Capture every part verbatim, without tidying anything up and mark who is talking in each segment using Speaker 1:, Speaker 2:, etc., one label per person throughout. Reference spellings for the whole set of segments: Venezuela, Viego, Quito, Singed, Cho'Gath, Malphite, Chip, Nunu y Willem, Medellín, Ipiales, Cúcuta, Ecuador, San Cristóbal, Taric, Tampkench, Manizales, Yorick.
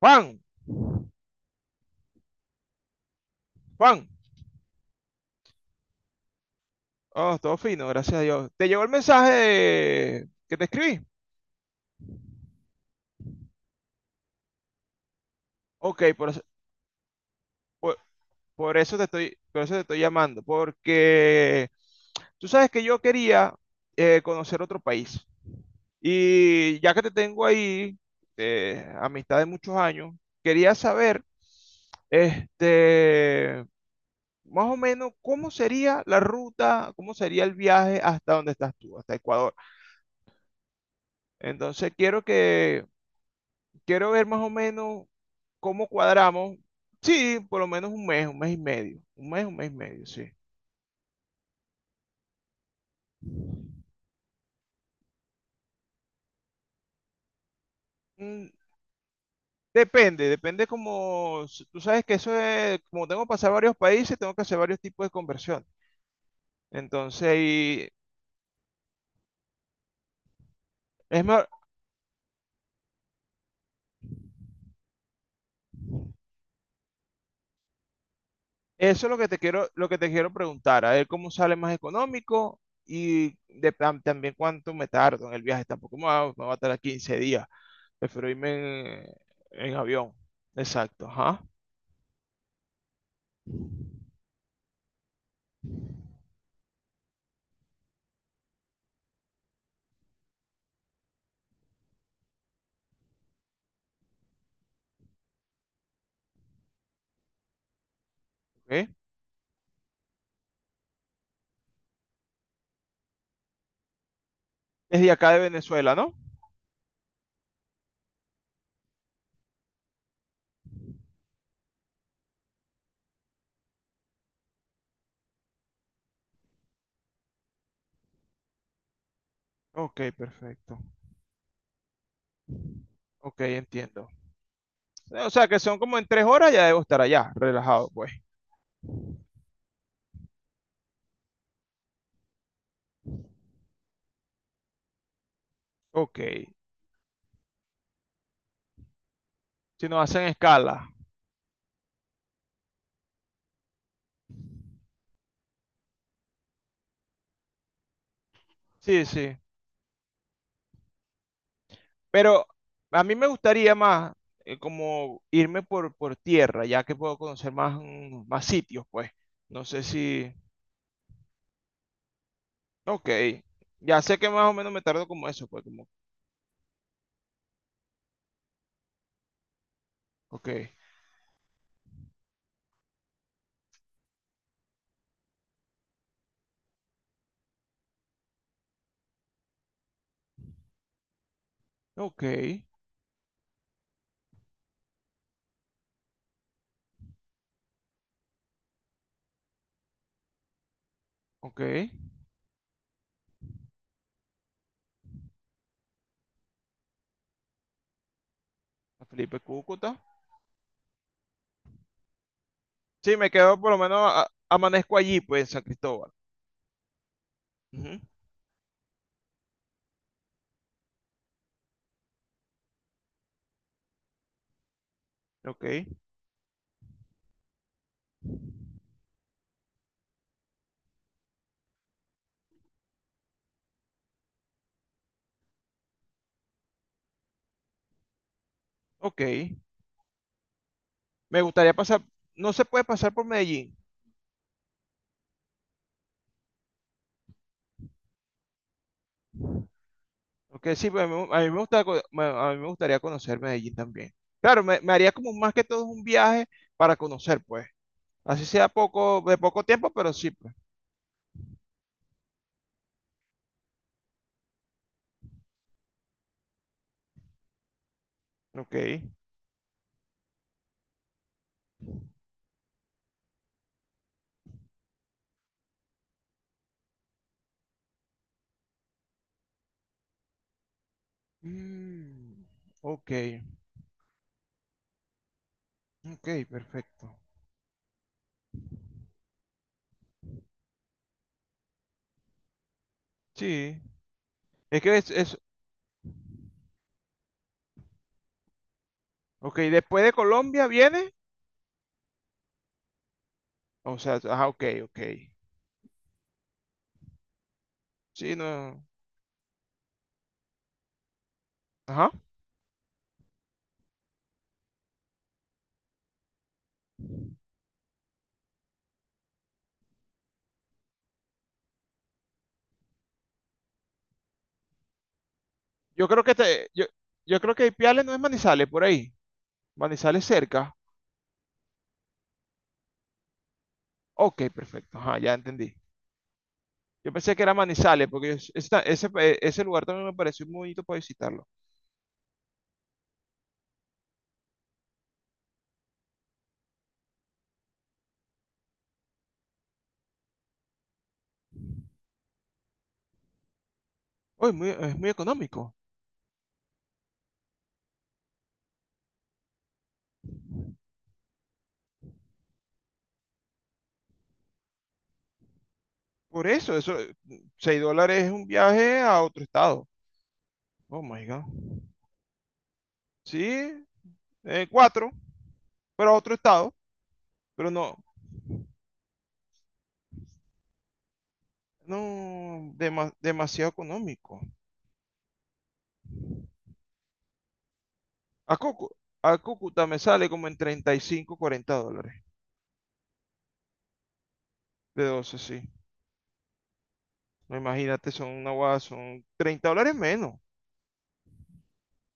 Speaker 1: Juan, Juan. Oh, todo fino, gracias a Dios. ¿Te llegó el mensaje que te escribí? Ok, por eso, por, por eso te estoy, por eso te estoy llamando, porque tú sabes que yo quería eh, conocer otro país. Y ya que te tengo ahí, eh, amistad de muchos años, quería saber, este, más o menos, cómo sería la ruta, cómo sería el viaje hasta donde estás tú, hasta Ecuador. Entonces quiero que Quiero ver más o menos cómo cuadramos. Sí, por lo menos un mes, un mes y medio. Un mes, un mes y medio, sí. Mm, Depende, depende como, s- tú sabes que eso es, como tengo que pasar varios países, tengo que hacer varios tipos de conversión. Entonces, y es mejor- eso es lo que te quiero, lo que te quiero preguntar, a ver cómo sale más económico y de- tam- también cuánto me tardo en el viaje. Tampoco me va, me va a tardar quince días, prefiero irme en, en, avión. Exacto, ajá. Ok. Es de acá de Venezuela, ¿no? Ok, perfecto. Ok, entiendo. O sea que son como en tres horas ya debo estar allá, relajado, pues. Ok. Si nos hacen escala. Sí, sí. Pero a mí me gustaría más eh, como irme por, por tierra, ya que puedo conocer más, mm, más sitios, pues. No sé si... Ok. Ya sé que más o menos me tardo como eso, pues como... Ok. Ok. Ok. Felipe Cúcuta. Sí, me quedo por lo menos, a- amanezco allí, pues, en San Cristóbal. Ujú. Ok, ok. Me gustaría pasar, no se puede pasar por Medellín. Ok, sí, pero a mí, a mí me gusta, co- me- a mí me gustaría conocer Medellín también. Claro, me, me haría como más que todo un viaje para conocer, pues. Así sea poco, de poco tiempo, pero sí, pues. Ok. Mm, ok, ok, perfecto. Sí, es que es, es, ok, después de Colombia viene, o sea, ajá, ok, ok. Sí, no, ajá. Yo creo que te, yo, yo creo que Ipiales no es Manizales, por ahí. Manizales cerca. Ok, perfecto. Ajá, ya entendí. Yo pensé que era Manizales, porque es- esa- ese, eh, ese lugar también me pareció muy bonito para visitarlo. Oh, es muy, es muy económico. Por eso, eso, seis dólares es un viaje a otro estado. Oh my God. Sí, eh, cuatro, pero a otro estado. Pero no, no, dema- demasiado económico. A Cúcuta, a Cúcuta me sale como en treinta y cinco, cuarenta dólares. De doce, sí. No, imagínate, son una guada, son treinta dólares menos.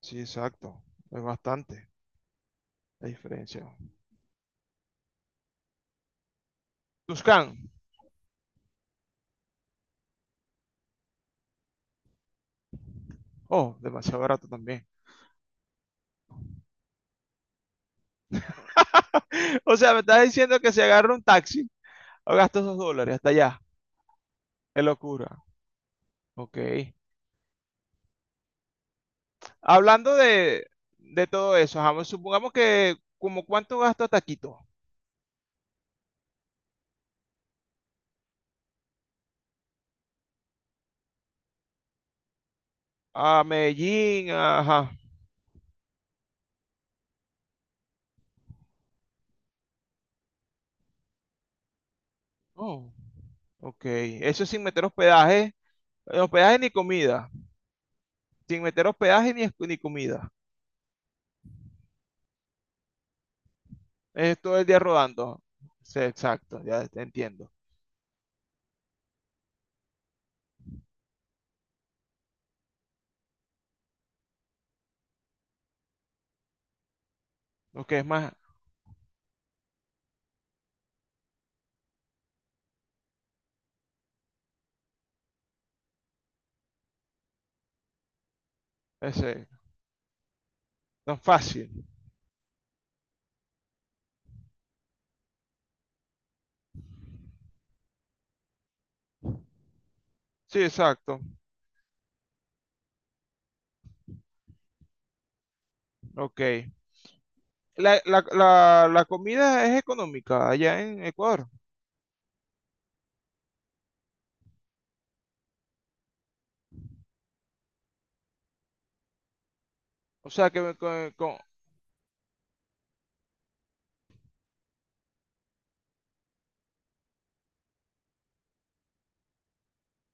Speaker 1: Sí, exacto. Es bastante la diferencia. Tuscan. Oh, demasiado barato también. O sea, me estás diciendo que si agarro un taxi, o gasto esos dólares hasta allá. Qué locura. Ok. Hablando de, de todo eso, ajá, supongamos que como cuánto gasto hasta Quito. A Medellín, ajá. Oh, ok. Eso sin meter hospedaje. eh, Hospedaje ni comida. Sin meter hospedaje ni, es- ni comida. Es todo el día rodando. Sí, exacto, ya te entiendo. Ok, es más, ese, no es fácil. Sí, exacto. Ok. La, la, la, la comida es económica allá en Ecuador. O sea, que con, con,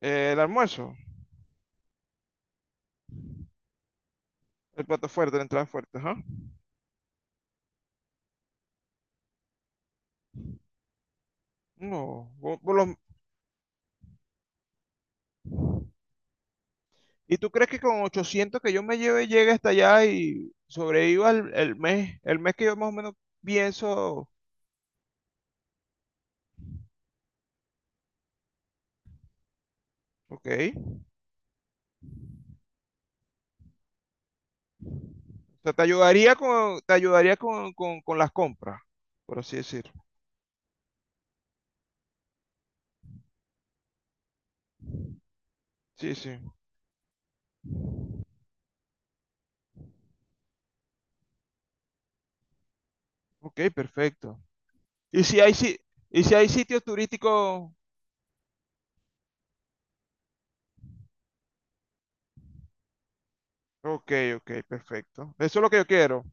Speaker 1: eh, el almuerzo, el plato fuerte, la entrada fuerte, ajá. No, vos- vos los- ¿y tú crees que con ochocientos que yo me lleve llegue hasta allá y sobreviva el, el mes, el mes que yo más o menos pienso? Ok. O sea, te ayudaría con, te ayudaría con, con, con las compras, por así decir. Sí, sí. Ok, perfecto. Y si hay, si- y si hay sitios turísticos, ok, ok, perfecto. Eso es lo que yo quiero.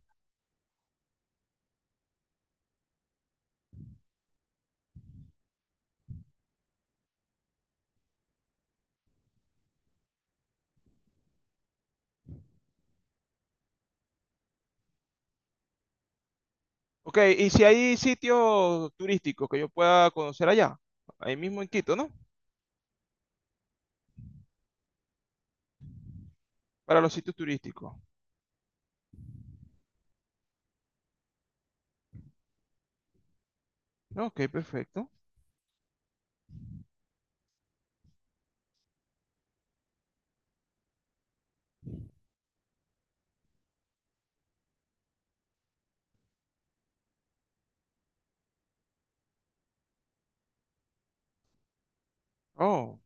Speaker 1: Ok, y si hay sitios turísticos que yo pueda conocer allá, ahí mismo en Quito, ¿no? Para los sitios turísticos. Ok, perfecto. Oh,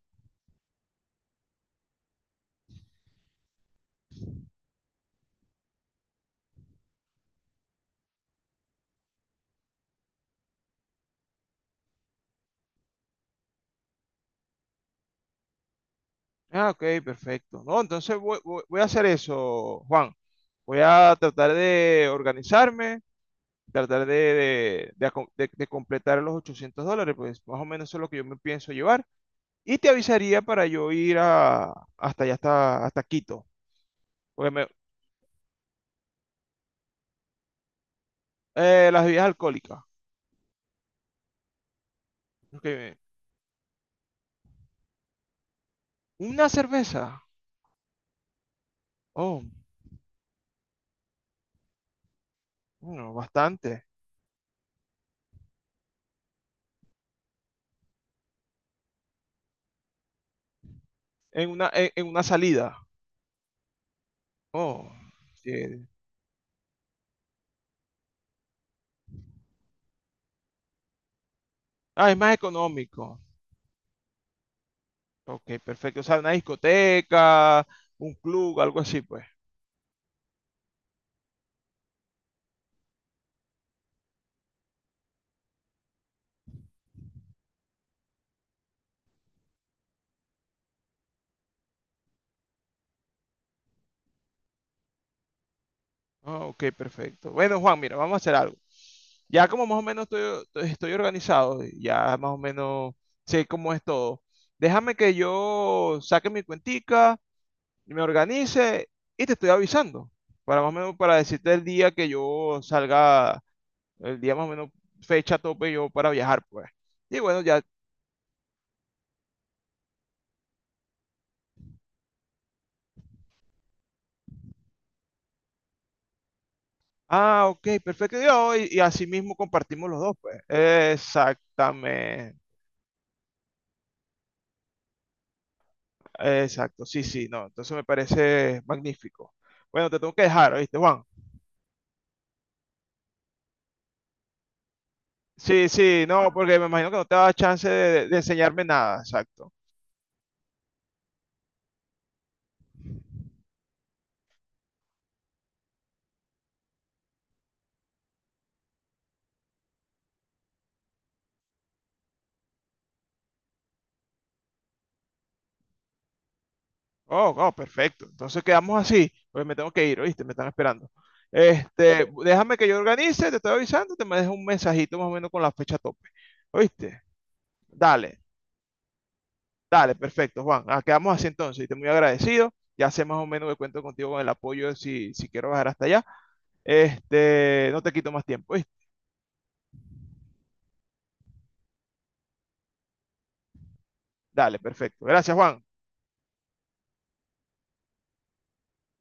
Speaker 1: ah, ok, perfecto. No, entonces voy, voy- voy a hacer eso, Juan. Voy a tratar de organizarme, tratar de, de, de acom- de- de completar los ochocientos dólares, pues más o menos eso es lo que yo me pienso llevar. Y te avisaría para yo ir a, hasta allá, hasta, hasta Quito. Porque me- eh, las bebidas alcohólicas. Ok, me- una cerveza. Oh, bueno, bastante. En una, en, en una salida. Oh, sí. Ah, es más económico. Ok, perfecto. O sea, una discoteca, un club, algo así, pues. Ah, ok, perfecto. Bueno, Juan, mira, vamos a hacer algo. Ya como más o menos estoy, estoy organizado, ya más o menos sé cómo es todo. Déjame que yo saque mi cuentica, me organice y te estoy avisando para más o menos, para decirte el día que yo salga, el día más o menos fecha tope yo para viajar, pues. Y bueno, ya, ah, ok, perfecto, y, oh, y- y así mismo compartimos los dos, pues. Exactamente, exacto, sí, sí, no, entonces me parece magnífico. Bueno, te tengo que dejar, ¿oíste, Juan? Sí, sí, no, porque me imagino que no te da chance de, de enseñarme nada, exacto. Oh, oh, perfecto. Entonces quedamos así. Pues me tengo que ir, ¿oíste? Me están esperando. Este, déjame que yo organice, te estoy avisando, te me dejo un mensajito más o menos con la fecha tope. ¿Oíste? Dale, dale, perfecto, Juan. Ah, quedamos así entonces. Y te muy agradecido. Ya sé más o menos que cuento contigo con el apoyo si, si quiero bajar hasta allá. Este, no te quito más tiempo, ¿oíste? Dale, perfecto. Gracias, Juan.